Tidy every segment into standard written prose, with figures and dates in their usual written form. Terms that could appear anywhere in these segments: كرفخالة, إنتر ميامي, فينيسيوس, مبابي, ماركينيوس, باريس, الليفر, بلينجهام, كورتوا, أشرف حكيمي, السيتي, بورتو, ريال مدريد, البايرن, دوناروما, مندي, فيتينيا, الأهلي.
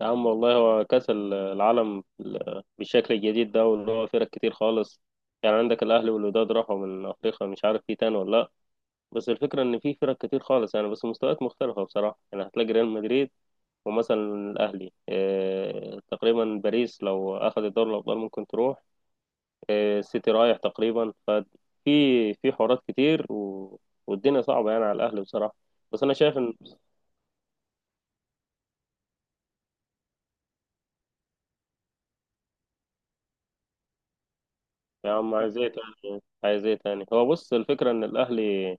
يا عم والله هو كأس العالم بالشكل الجديد ده واللي هو فرق كتير خالص. يعني عندك الأهلي والوداد راحوا من أفريقيا، مش عارف في تاني ولا لأ. بس الفكرة إن في فرق كتير خالص، يعني بس مستويات مختلفة بصراحة. يعني هتلاقي ريال مدريد، ومثلا الأهلي، إيه تقريبا باريس لو أخد الدوري الأبطال ممكن تروح، إيه السيتي رايح تقريبا. ففي حوارات كتير والدنيا صعبة يعني على الأهلي بصراحة. بس أنا شايف إن، يا عم عايز إيه تاني؟ عايز إيه تاني؟ هو بص، الفكرة إن الأهلي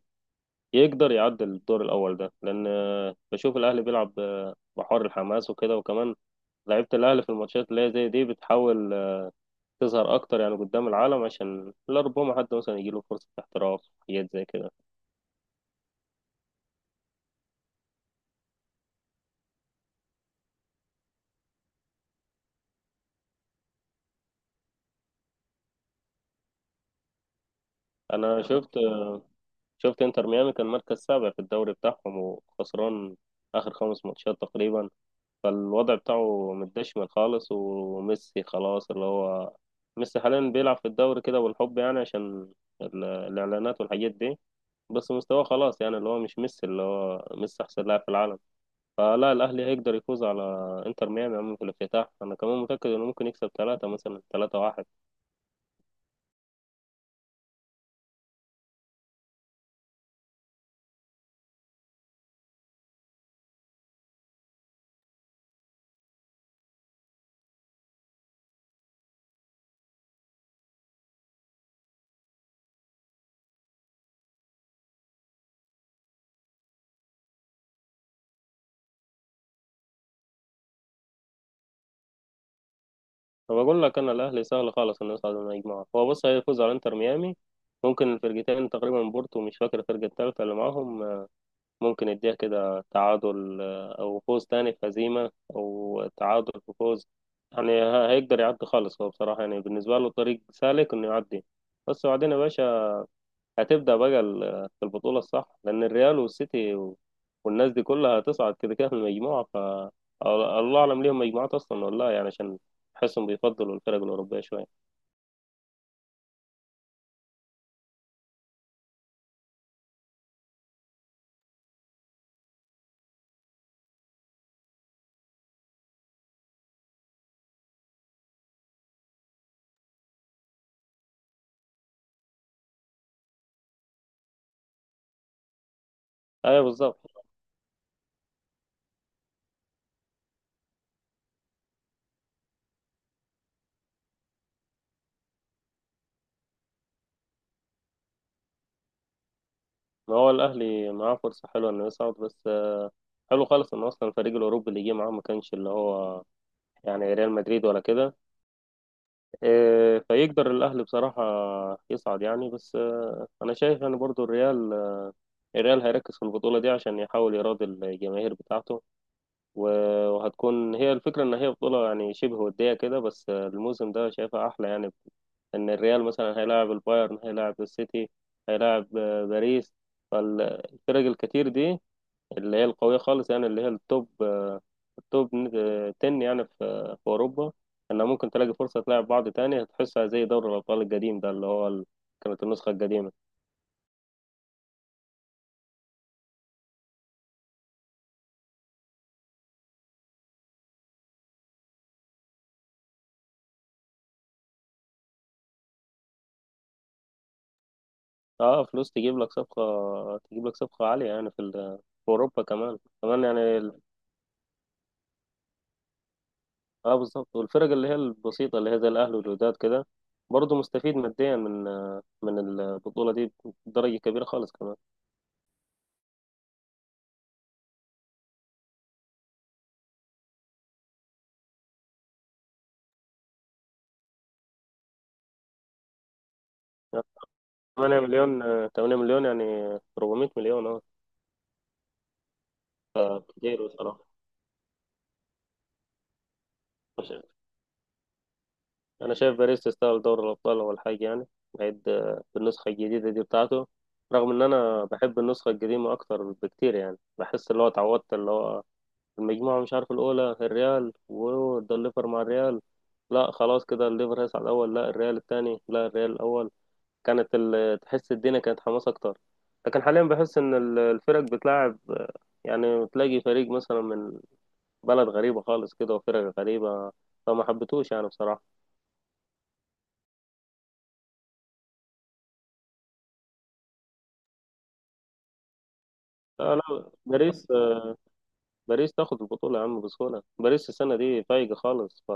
يقدر يعدي الدور الأول ده، لأن بشوف الأهلي بيلعب بحر الحماس وكده، وكمان لعيبة الأهلي في الماتشات اللي هي زي دي بتحاول تظهر أكتر يعني قدام العالم، عشان لا ربما حد مثلا يجيله فرصة احتراف، حاجات زي كده. أنا شفت إنتر ميامي كان مركز سابع في الدوري بتاعهم، وخسران آخر خمس ماتشات تقريبا. فالوضع بتاعه متدشمل خالص، وميسي خلاص اللي هو، ميسي حاليا بيلعب في الدوري كده والحب، يعني عشان الإعلانات والحاجات دي، بس مستواه خلاص. يعني اللي هو مش ميسي، اللي هو ميسي أحسن لاعب في العالم. فلا، الأهلي هيقدر يفوز على إنتر ميامي عم في الافتتاح. أنا كمان متأكد إنه ممكن يكسب ثلاثة مثلا 3-1. فبقول لك أنا، الأهلي سهل خالص إنه يصعد من المجموعة. هو بص، هيفوز على إنتر ميامي، ممكن الفرقتين تقريبا بورتو، مش فاكر الفرقة التالتة اللي معاهم، ممكن يديها كده تعادل، أو فوز تاني في هزيمة، أو تعادل في فوز. يعني هيقدر يعدي خالص. هو بصراحة يعني بالنسبة له طريق سالك إنه يعدي، بس بعدين يا باشا هتبدأ بقى في البطولة الصح، لأن الريال والسيتي والناس دي كلها هتصعد كده كده من المجموعة. الله أعلم ليهم مجموعات أصلا ولا لا، يعني عشان أحسهم بيفضلوا الفرق الأوروبية شوية. أيوة بالظبط. ما هو الأهلي معاه فرصة حلوة إنه يصعد، بس حلو خالص إن أصلا الفريق الأوروبي اللي جه معاه ما كانش اللي هو، يعني ريال مدريد ولا كده. إيه، فيقدر الأهلي بصراحة يصعد يعني، بس أنا شايف يعني برضو الريال هيركز في البطولة دي عشان يحاول يراضي الجماهير بتاعته، و- وهتكون هي الفكرة إن هي بطولة يعني شبه ودية كده، بس الموسم ده شايفها أحلى يعني، إن الريال مثلا هيلاعب البايرن، هيلاعب السيتي، هيلاعب باريس، فالفرق الكتير دي اللي هي القوية خالص، يعني اللي هي التوب 10 يعني في أوروبا، إنها ممكن تلاقي فرصة تلاعب بعض تاني، هتحسها زي دوري الأبطال القديم ده اللي هو كانت النسخة القديمة. اه، فلوس تجيب لك صفقة، عالية، يعني في أوروبا، كمان كمان يعني. اه بالظبط. والفرق اللي هي البسيطة اللي هي زي الأهلي والوداد كده برضه مستفيد ماديا من البطولة دي بدرجة كبيرة خالص كمان. يعني 8 مليون، 8 مليون يعني 400 مليون اه. كتير بصراحة، مش- أنا شايف باريس تستاهل دوري الأبطال أول حاجة يعني، بعيد بالنسخة الجديدة دي بتاعته، رغم إن أنا بحب النسخة القديمة أكتر بكتير، يعني بحس اللي هو اتعودت اللي هو، المجموعة مش عارف الأولى الريال، وده الليفر مع الريال، لا خلاص كده الليفر هيصعد الأول، لا الريال التاني، لا الريال الأول، كانت تحس الدنيا كانت حماس أكتر، لكن حاليا بحس إن الفرق بتلعب، يعني تلاقي فريق مثلا من بلد غريبة خالص كده وفرق غريبة، فما حبيتوش يعني بصراحة. لا لا، باريس تاخد البطولة يا عم بسهولة، باريس السنة دي فايقة خالص.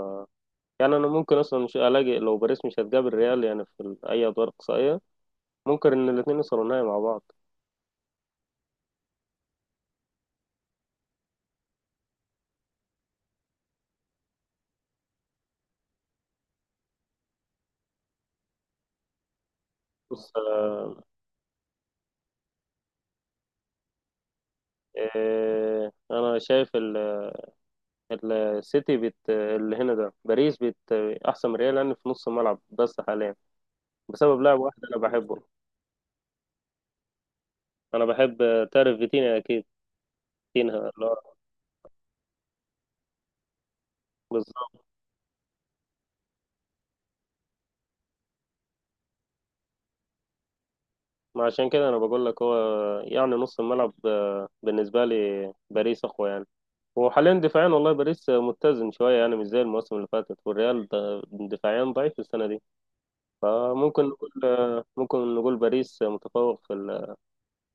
يعني أنا ممكن أصلا مش ألاقي، لو باريس مش هتقابل ريال يعني في أي أدوار إقصائية، ممكن ان الاثنين يوصلوا النهائي مع بعض. بص، انا شايف السيتي بت اللي هنا ده، باريس بت احسن من ريال لان في نص الملعب بس حاليا، بسبب لاعب واحد انا بحبه، انا بحب، تعرف فيتينيا اكيد، فيتينيا اللي هو بالظبط. ما عشان كده انا بقول لك، هو يعني نص الملعب بالنسبه لي باريس اقوى يعني. وحاليا دفاعيا والله باريس متزن شويه، يعني مش زي الموسم اللي فاتت، والريال دفاعيا ضعيف السنه دي. فممكن نقول باريس متفوق في ال-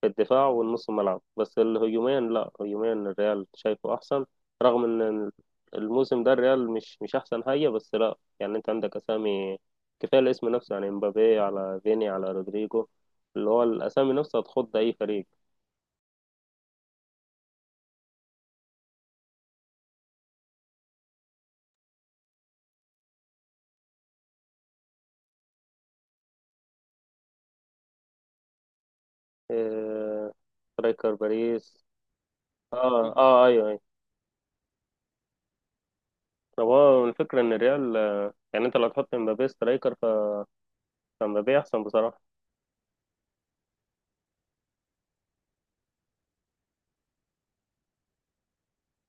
في الدفاع والنص الملعب، بس الهجوميا لا، هجوميا الريال شايفه احسن، رغم ان الموسم ده الريال مش احسن حاجه، بس لا يعني انت عندك اسامي. كفايه الاسم نفسه، يعني مبابي على فيني على رودريجو، اللي هو الاسامي نفسها تخض اي فريق. إيه... سترايكر باريس. اه اه، ايوه ايوه. طب هو الفكره ان الريال، يعني انت لو تحط مبابي سترايكر فمبابي احسن بصراحه.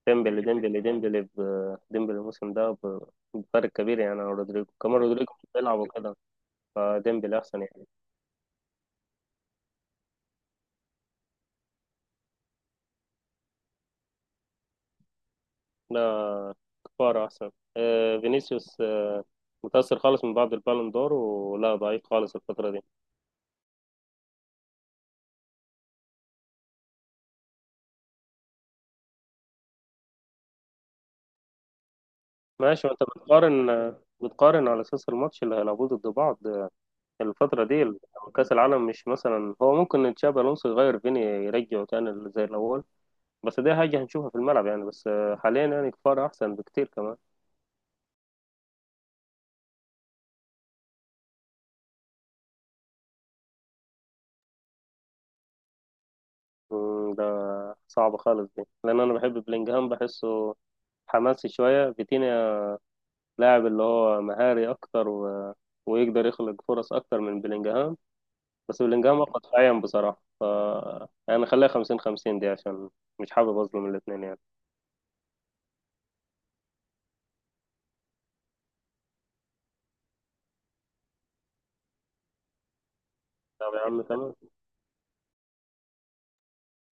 ديمبلي الموسم ده، بفرق كبير يعني عن رودريجو، كمان رودريجو مش بيلعب وكده، فديمبلي أحسن يعني. لا، كفارة أحسن. فينيسيوس متأثر خالص من بعد البالون دور، ولا ضعيف خالص الفترة دي. ماشي، وأنت بتقارن على أساس الماتش اللي هيلعبوه ضد بعض الفترة دي، كأس العالم. مش مثلا هو ممكن تشابي ألونسو يغير فيني يرجعه تاني زي الأول، بس دي حاجة هنشوفها في الملعب يعني. بس حاليا يعني كفارة أحسن بكتير كمان. مم، صعبة خالص دي، لأن أنا بحب بلينجهام، بحسه حماسي شوية. فيتينيا لاعب اللي هو مهاري أكتر، و... ويقدر يخلق فرص أكتر من بلينجهام، بس بلينجهام أقوى دفاعيا بصراحة. يعني خليها خمسين خمسين دي، عشان مش حابب أظلم الاتنين يعني. طب يا عم تمام،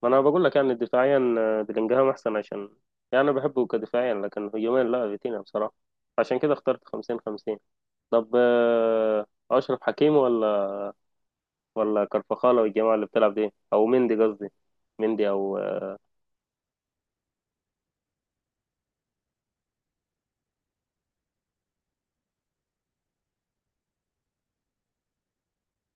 ما أنا بقول لك يعني دفاعيا بلينجهام أحسن، عشان يعني أنا بحبه كدفاعيا، لكن هجوميا لا، فيتينيا بصراحة، عشان كده اخترت خمسين خمسين. طب أشرف حكيمي ولا كرفخالة والجماعة اللي بتلعب دي، أو مندي قصدي، مندي أو،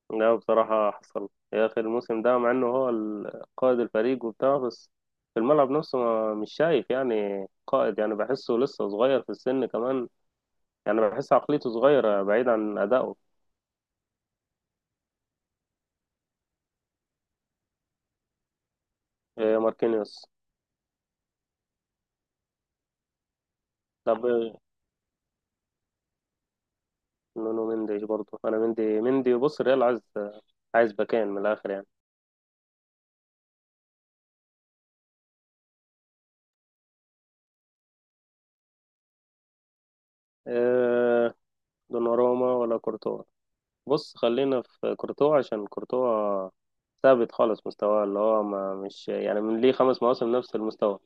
لا بصراحة حصل يا أخي الموسم ده، مع إنه هو قائد الفريق وبتاع، بس في الملعب نفسه ما مش شايف يعني قائد، يعني بحسه لسه صغير في السن كمان، يعني بحس عقليته صغيرة بعيد عن أدائه. إيه ماركينيوس. طب نونو مندي برضه، أنا مندي بص، الريال عايز باكين من الآخر يعني. إيه دوناروما ولا كورتوا؟ بص، خلينا في كورتوا، عشان كورتوا ثابت خالص مستواه، اللي هو ما مش يعني، من ليه 5 مواسم نفس المستوى.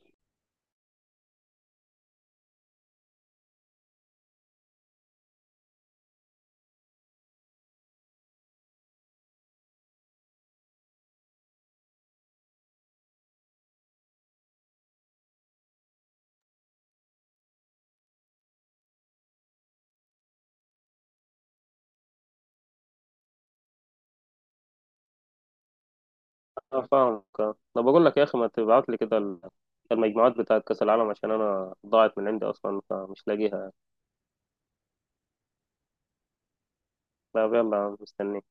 انا فاهمك. انا بقول لك يا اخي، ما تبعت لي كده المجموعات بتاعت كاس العالم، عشان انا ضاعت من عندي اصلا، فمش لاقيها. لا يلا مستنيك.